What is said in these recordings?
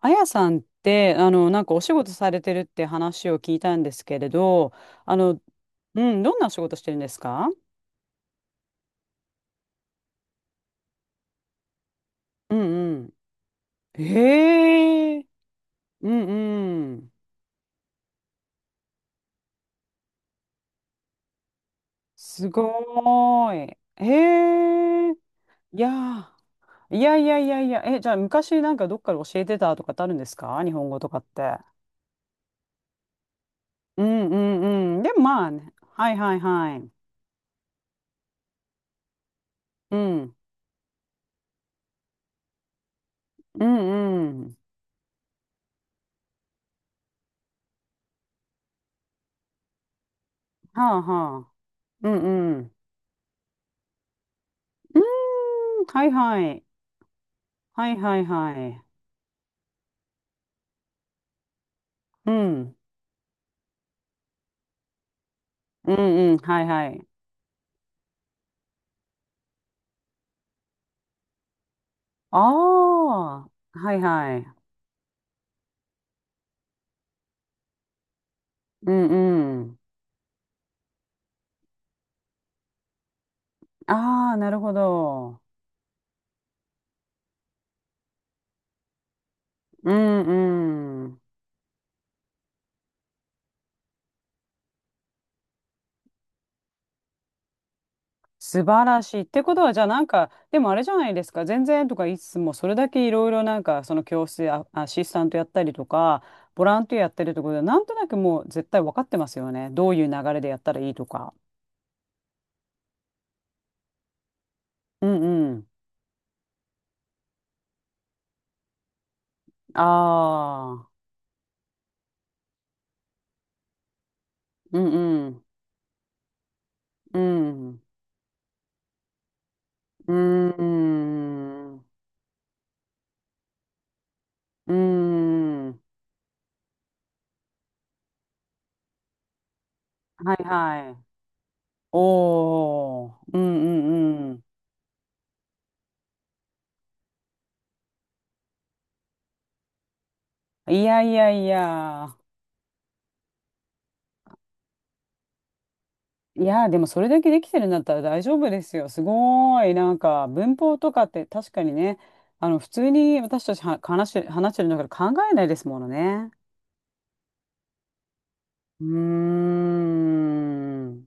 あやさんって、なんかお仕事されてるって話を聞いたんですけれど、あの、うん、どんなお仕事してるんですか？うんうん。へえ、うんうん。すごーい。へえ、いやー、いやいやいやいや、え、じゃあ昔なんかどっかで教えてたとかってあるんですか、日本語とかって？うんうんうん。でもまあね、はいはいはい。うん、うんうん。はあはあ。うんうん。うーん、はいはい。はいはいはい。うん。うんうん。はいはい。ああ。はいはい。うんうん。ああ、なるほど。うんうん。素晴らしい。ってことは、じゃあなんか、でもあれじゃないですか。全然とか言いつつも、それだけいろいろなんか、その教室でアシスタントやったりとか、ボランティアやってるってことで、なんとなくもう絶対分かってますよね。どういう流れでやったらいいとか。うんうん。ああ。うんうん。うん。ううん。うーん。はいはい。おー。うんうんうん。いやいやいや。いや、でもそれだけできてるんだったら大丈夫ですよ。すごーい。なんか文法とかって確かにね、普通に私たちは話してるんだから考えないですものね。うーん。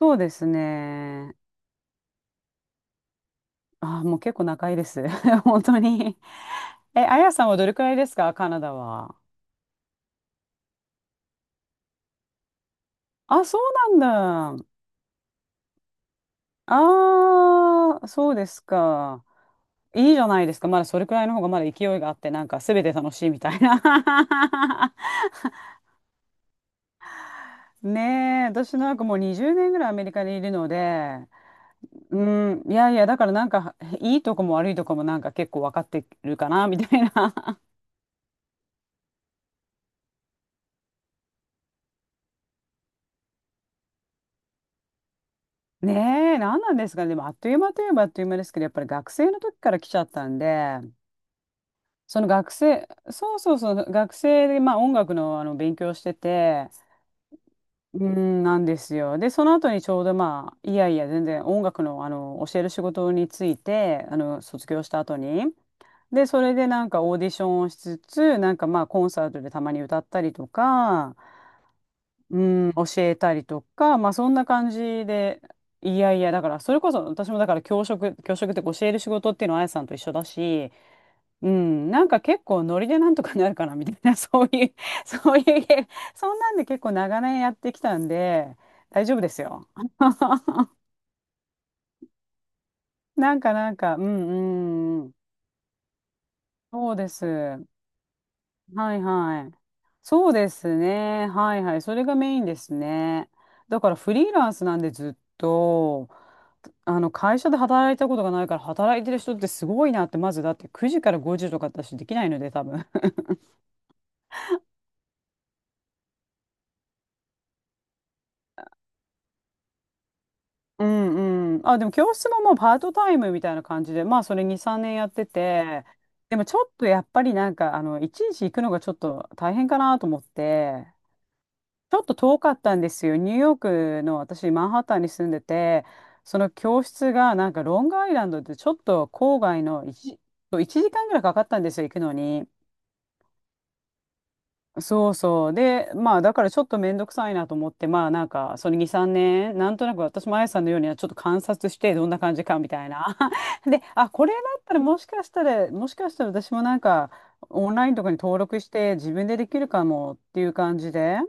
そうですね。あー、もう結構仲いいです。本当に。え、あやさんはどれくらいですか、カナダは？あ、そうなんだ。ああ、そうですか。いいじゃないですか。まだそれくらいの方がまだ勢いがあって、なんか全て楽しいみたいな。ねえ、私なんかもう20年ぐらいアメリカにいるので、うん、いやいや、だからなんかいいとこも悪いとこもなんか結構分かってるかな、みたいな。ねえ、何なんですかね。でもあっという間といえばあっという間ですけど、やっぱり学生の時から来ちゃったんで、その学生、そうそうそう、学生でまあ音楽の、勉強してて、うん、なんですよ。で、その後にちょうどまあ、いやいや、全然音楽の、教える仕事について、卒業した後に。で、それでなんかオーディションをしつつ、なんかまあ、コンサートでたまに歌ったりとか、うん、教えたりとか、まあ、そんな感じで、いやいや、だから、それこそ私もだから教職、教職っていうか教える仕事っていうのはあやさんと一緒だし、うん、なんか結構ノリでなんとかなるかなみたいな、そういうゲームそんなんで結構長年やってきたんで、大丈夫ですよ。うんうんうん、そうです。はいはい。そうですね。はいはい。それがメインですね。だからフリーランスなんでずっと、会社で働いたことがないから、働いてる人ってすごいなって。まずだって9時から5時とか私できないので、多分。うんうん。あ、でも教室ももうパートタイムみたいな感じで、まあそれ2、3年やってて、でもちょっとやっぱりなんか、いちいち行くのがちょっと大変かなと思って、ちょっと遠かったんですよ。ニューヨークの私、マンハッタンに住んでて、その教室がなんかロングアイランドでちょっと郊外の、1、1時間ぐらいかかったんですよ、行くのに。そうそう。で、まあ、だからちょっとめんどくさいなと思って、まあ、なんか、その2、3年、なんとなく私もあやさんのようにはちょっと観察して、どんな感じかみたいな。で、あ、これだったらもしかしたら、もしかしたら私もなんか、オンラインとかに登録して、自分でできるかもっていう感じで、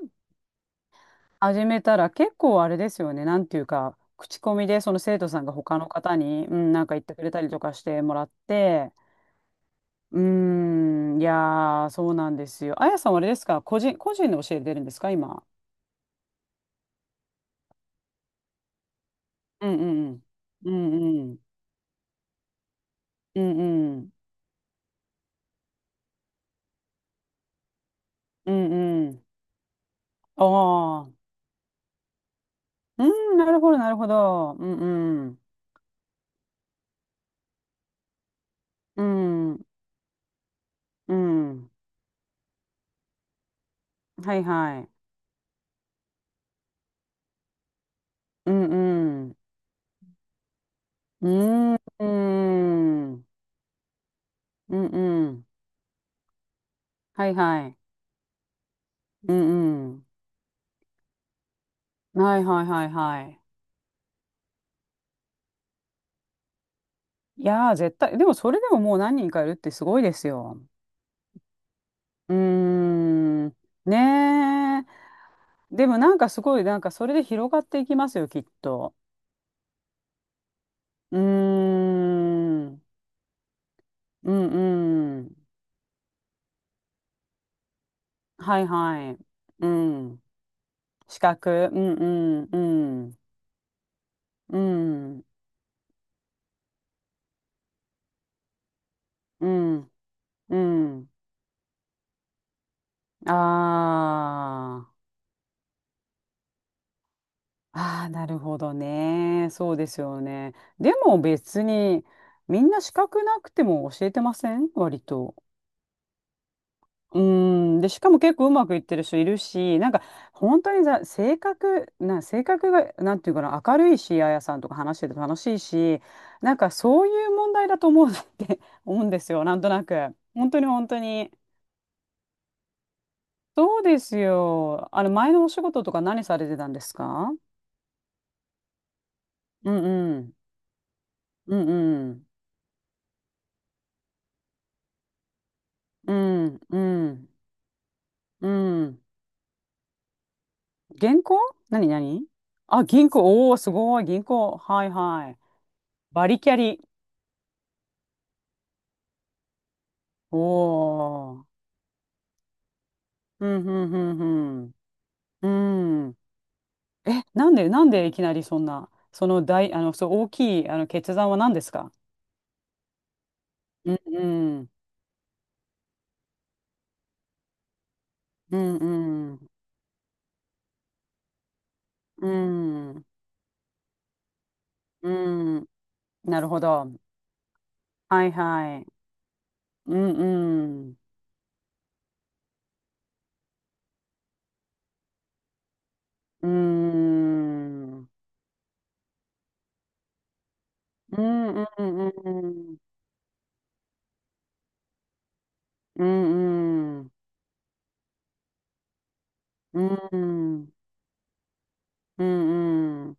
始めたら結構あれですよね、なんていうか、口コミで、その生徒さんが他の方に、うん、なんか言ってくれたりとかしてもらって、うーん、いやー、そうなんですよ。あやさんはあれですか、個人で教えてるんですか、今？うんうんうんうんうんうんうんうんうん。ああー、うん、なるほどなるほど。うんうんうんうん。はいはい。うんうんうんうんうん。うん。はいはい。うんうん。はいはいはいはい。いやー、絶対。でもそれでも、もう何人かいるってすごいですよ。うーん、ねえ。でもなんかすごい、なんかそれで広がっていきますよ、きっと。うーん。うんうん。はいはい。うん。資格。うんうんうん。うん。うん。ああ。ああ、なるほどね。そうですよね。でも別に、みんな資格なくても教えてません、割と。うーん、で、しかも結構うまくいってる人いるし、なんか本当にさ、性格が、なんていうかな、明るいし、あやさんとか話してて楽しいし、なんかそういう問題だと思う なって 思うんですよ、なんとなく。本当に本当に。そうですよ。前のお仕事とか何されてたんですか？うんうん。うんうん。うんうん。うん。銀行？何？何？あ、銀行。おー、すごい。銀行。はいはい。バリキャリ。おー。うん、うん、うん、うん。うん。え、なんでいきなりそんな、その大きい、決断は何ですか？うん、うん、うん、うん、うん、うん。なるほど。はい、はい。うん、うん、うん、うん、うん、うん、うん、うん、うん、うん、うん。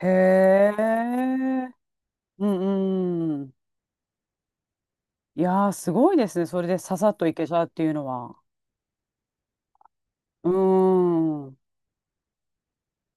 へえ。うん、うん。いやー、すごいですね。それでささっといけちゃうっていうのは。うーん。う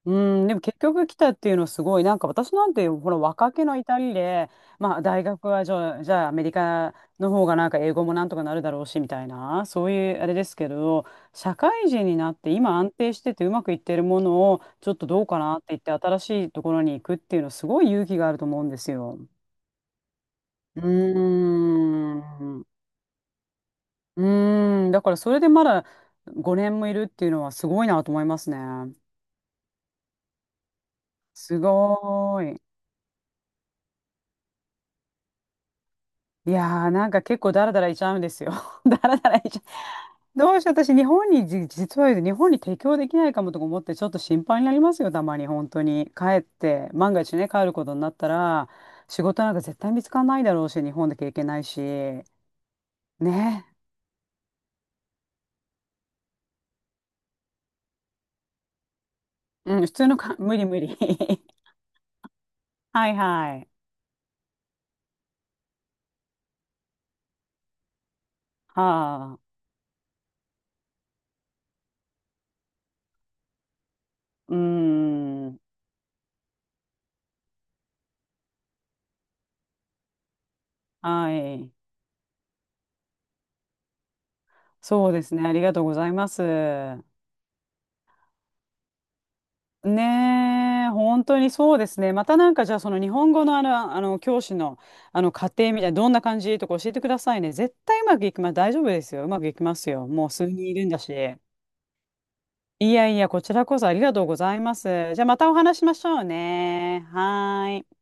ん、でも結局来たっていうのすごい、なんか私なんて、ほら、若気の至りで、まあ、大学はじゃあ、アメリカの方がなんか英語もなんとかなるだろうし、みたいな、そういうあれですけど、社会人になって今安定しててうまくいってるものを、ちょっとどうかなって言って新しいところに行くっていうのすごい勇気があると思うんですよ。うーん。うーん。だからそれでまだ5年もいるっていうのはすごいなと思いますね。すごーい。いやー、なんか結構ダラダラいちゃうんですよ。ダラダラいちゃう。どうしよう、私、日本にじ、実は言うと日本に提供できないかもとか思って、ちょっと心配になりますよ、たまに、本当に。帰って、万が一ね、帰ることになったら、仕事なんか絶対見つからないだろうし、日本だけいけないし。ね。うん、普通のか、無理無理。はいはい。はあ。うーん。はい。そうですね。ありがとうございます。ねえ、本当にそうですね。またなんかじゃあその日本語の教師の、家庭みたいなどんな感じとか教えてくださいね。絶対うまくいきます。大丈夫ですよ。うまくいきますよ。もう数人いるんだし。いやいや、こちらこそありがとうございます。じゃあまたお話ししましょうね。はーい。